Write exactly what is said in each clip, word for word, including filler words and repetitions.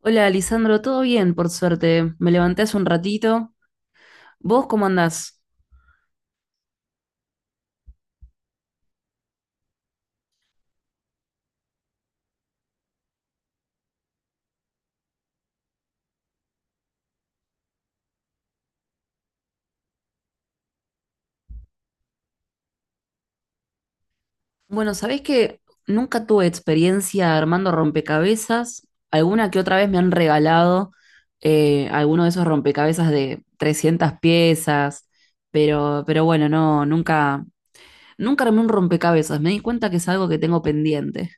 Hola, Lisandro, todo bien, por suerte. Me levanté hace un ratito. ¿Vos cómo andás? Bueno, sabés que nunca tuve experiencia armando rompecabezas. Alguna que otra vez me han regalado eh, alguno de esos rompecabezas de trescientas piezas, pero, pero bueno, no, nunca, nunca armé un rompecabezas. Me di cuenta que es algo que tengo pendiente.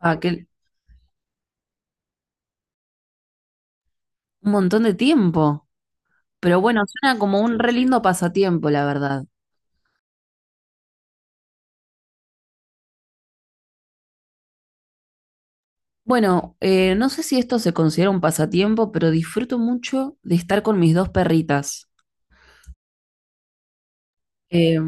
Ah, que un montón de tiempo. Pero bueno, suena como un re lindo pasatiempo, la verdad. Bueno, eh, no sé si esto se considera un pasatiempo, pero disfruto mucho de estar con mis dos perritas. Eh,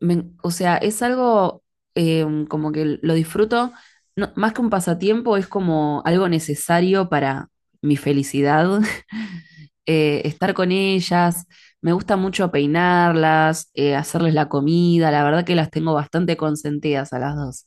me- o sea, es algo eh, como que lo disfruto, no- más que un pasatiempo, es como algo necesario para mi felicidad. Eh, estar con ellas, me gusta mucho peinarlas, eh, hacerles la comida, la verdad que las tengo bastante consentidas a las dos.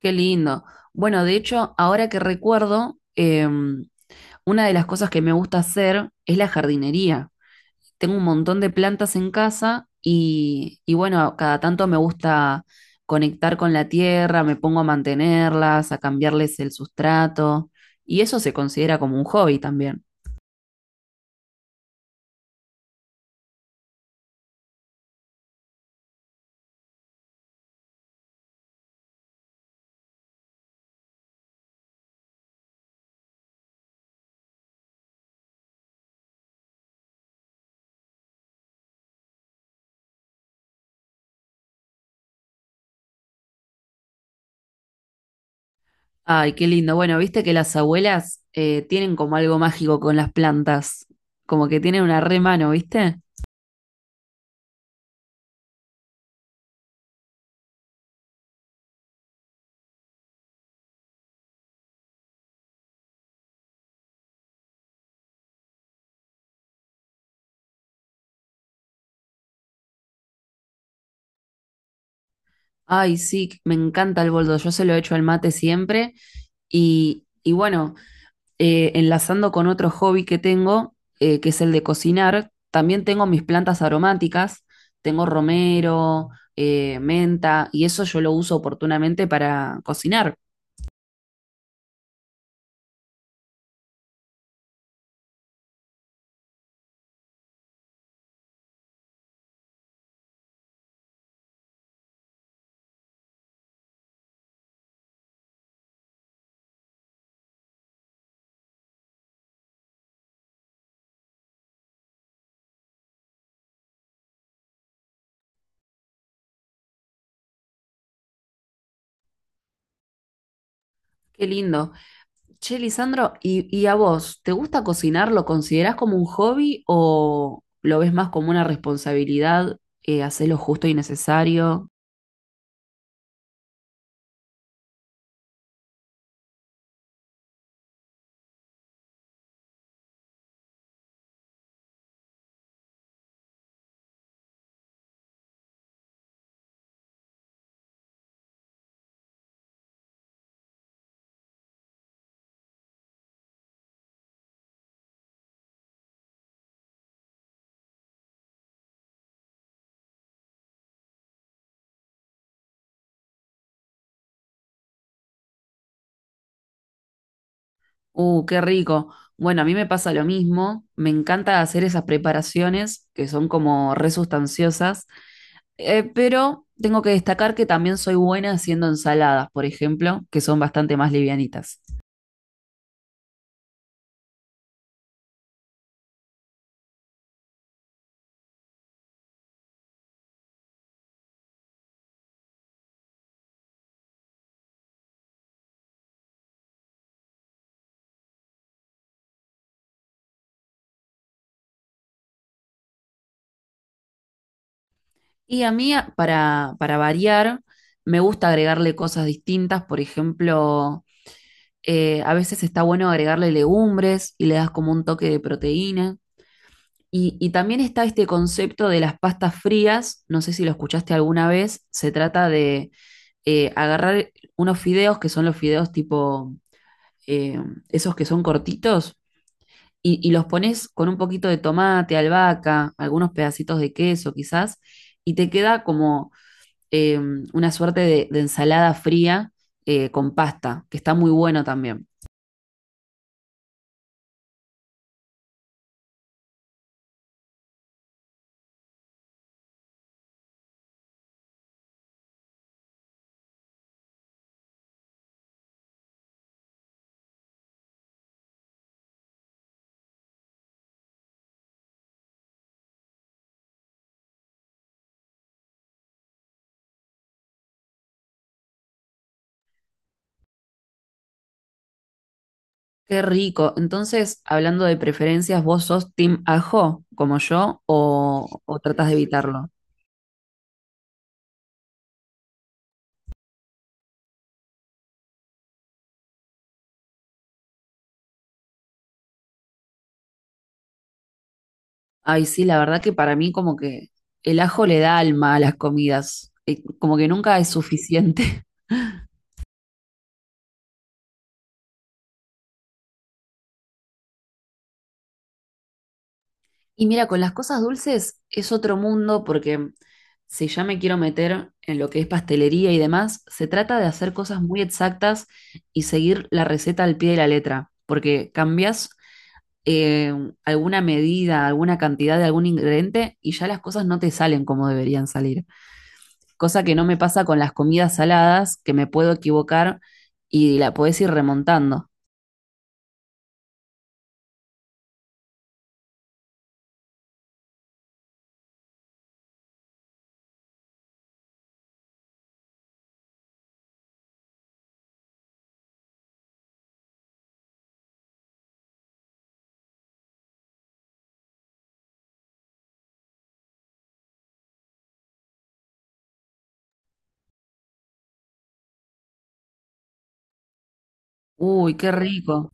Qué lindo. Bueno, de hecho, ahora que recuerdo, em, una de las cosas que me gusta hacer es la jardinería. Tengo un montón de plantas en casa y, y bueno, cada tanto me gusta conectar con la tierra, me pongo a mantenerlas, a cambiarles el sustrato y eso se considera como un hobby también. Ay, qué lindo. Bueno, viste que las abuelas eh, tienen como algo mágico con las plantas, como que tienen una re mano, ¿viste? Ay, sí, me encanta el boldo, yo se lo echo al mate siempre y, y bueno. Eh, enlazando con otro hobby que tengo, eh, que es el de cocinar, también tengo mis plantas aromáticas, tengo romero, eh, menta, y eso yo lo uso oportunamente para cocinar. Qué lindo. Che, Lisandro, ¿y, y a vos? ¿Te gusta cocinar? ¿Lo considerás como un hobby o lo ves más como una responsabilidad? Eh, hacer lo justo y necesario. Uh, qué rico. Bueno, a mí me pasa lo mismo. Me encanta hacer esas preparaciones que son como resustanciosas. Eh, pero tengo que destacar que también soy buena haciendo ensaladas, por ejemplo, que son bastante más livianitas. Y a mí, a- para, para variar, me gusta agregarle cosas distintas. Por ejemplo, eh, a veces está bueno agregarle legumbres y le das como un toque de proteína. Y, y también está este concepto de las pastas frías, no sé si lo escuchaste alguna vez, se trata de eh, agarrar unos fideos que son los fideos tipo, eh, esos que son cortitos y, y los pones con un poquito de tomate, albahaca, algunos pedacitos de queso quizás, y te queda como eh, una suerte de, de ensalada fría eh, con pasta, que está muy bueno también. Qué rico. Entonces, hablando de preferencias, ¿vos sos team ajo como yo o, o tratas de evitarlo? Ay, sí, la verdad que para mí como que el ajo le da alma a las comidas, eh, como que nunca es suficiente. Y mira, con las cosas dulces es otro mundo porque si ya me quiero meter en lo que es pastelería y demás, se trata de hacer cosas muy exactas y seguir la receta al pie de la letra, porque cambias eh, alguna medida, alguna cantidad de algún ingrediente y ya las cosas no te salen como deberían salir. Cosa que no me pasa con las comidas saladas, que me puedo equivocar y la podés ir remontando. Uy, qué rico.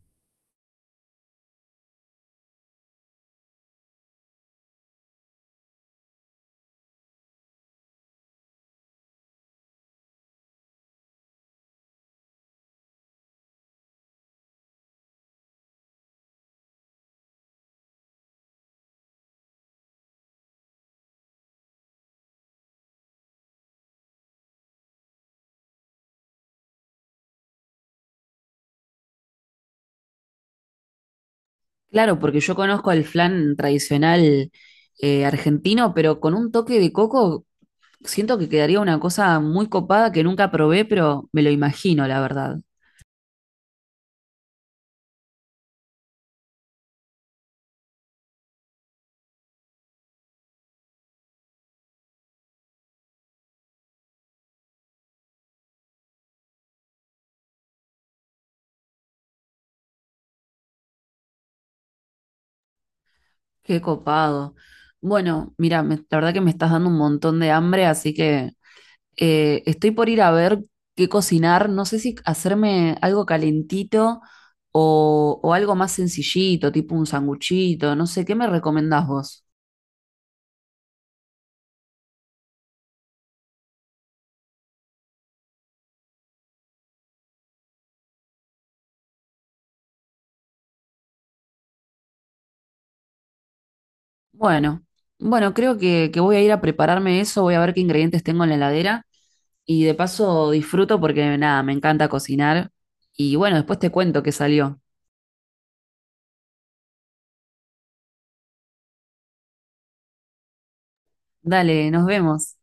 Claro, porque yo conozco el flan tradicional eh, argentino, pero con un toque de coco siento que quedaría una cosa muy copada que nunca probé, pero me lo imagino, la verdad. Qué copado. Bueno, mira, me- la verdad que me estás dando un montón de hambre, así que eh, estoy por ir a ver qué cocinar. No sé si hacerme algo calentito o, o algo más sencillito, tipo un sanguchito, no sé, ¿qué me recomendás vos? Bueno, bueno, creo que, que voy a ir a prepararme eso, voy a ver qué ingredientes tengo en la heladera y de paso disfruto porque nada, me encanta cocinar y bueno, después te cuento qué salió. Dale, nos vemos.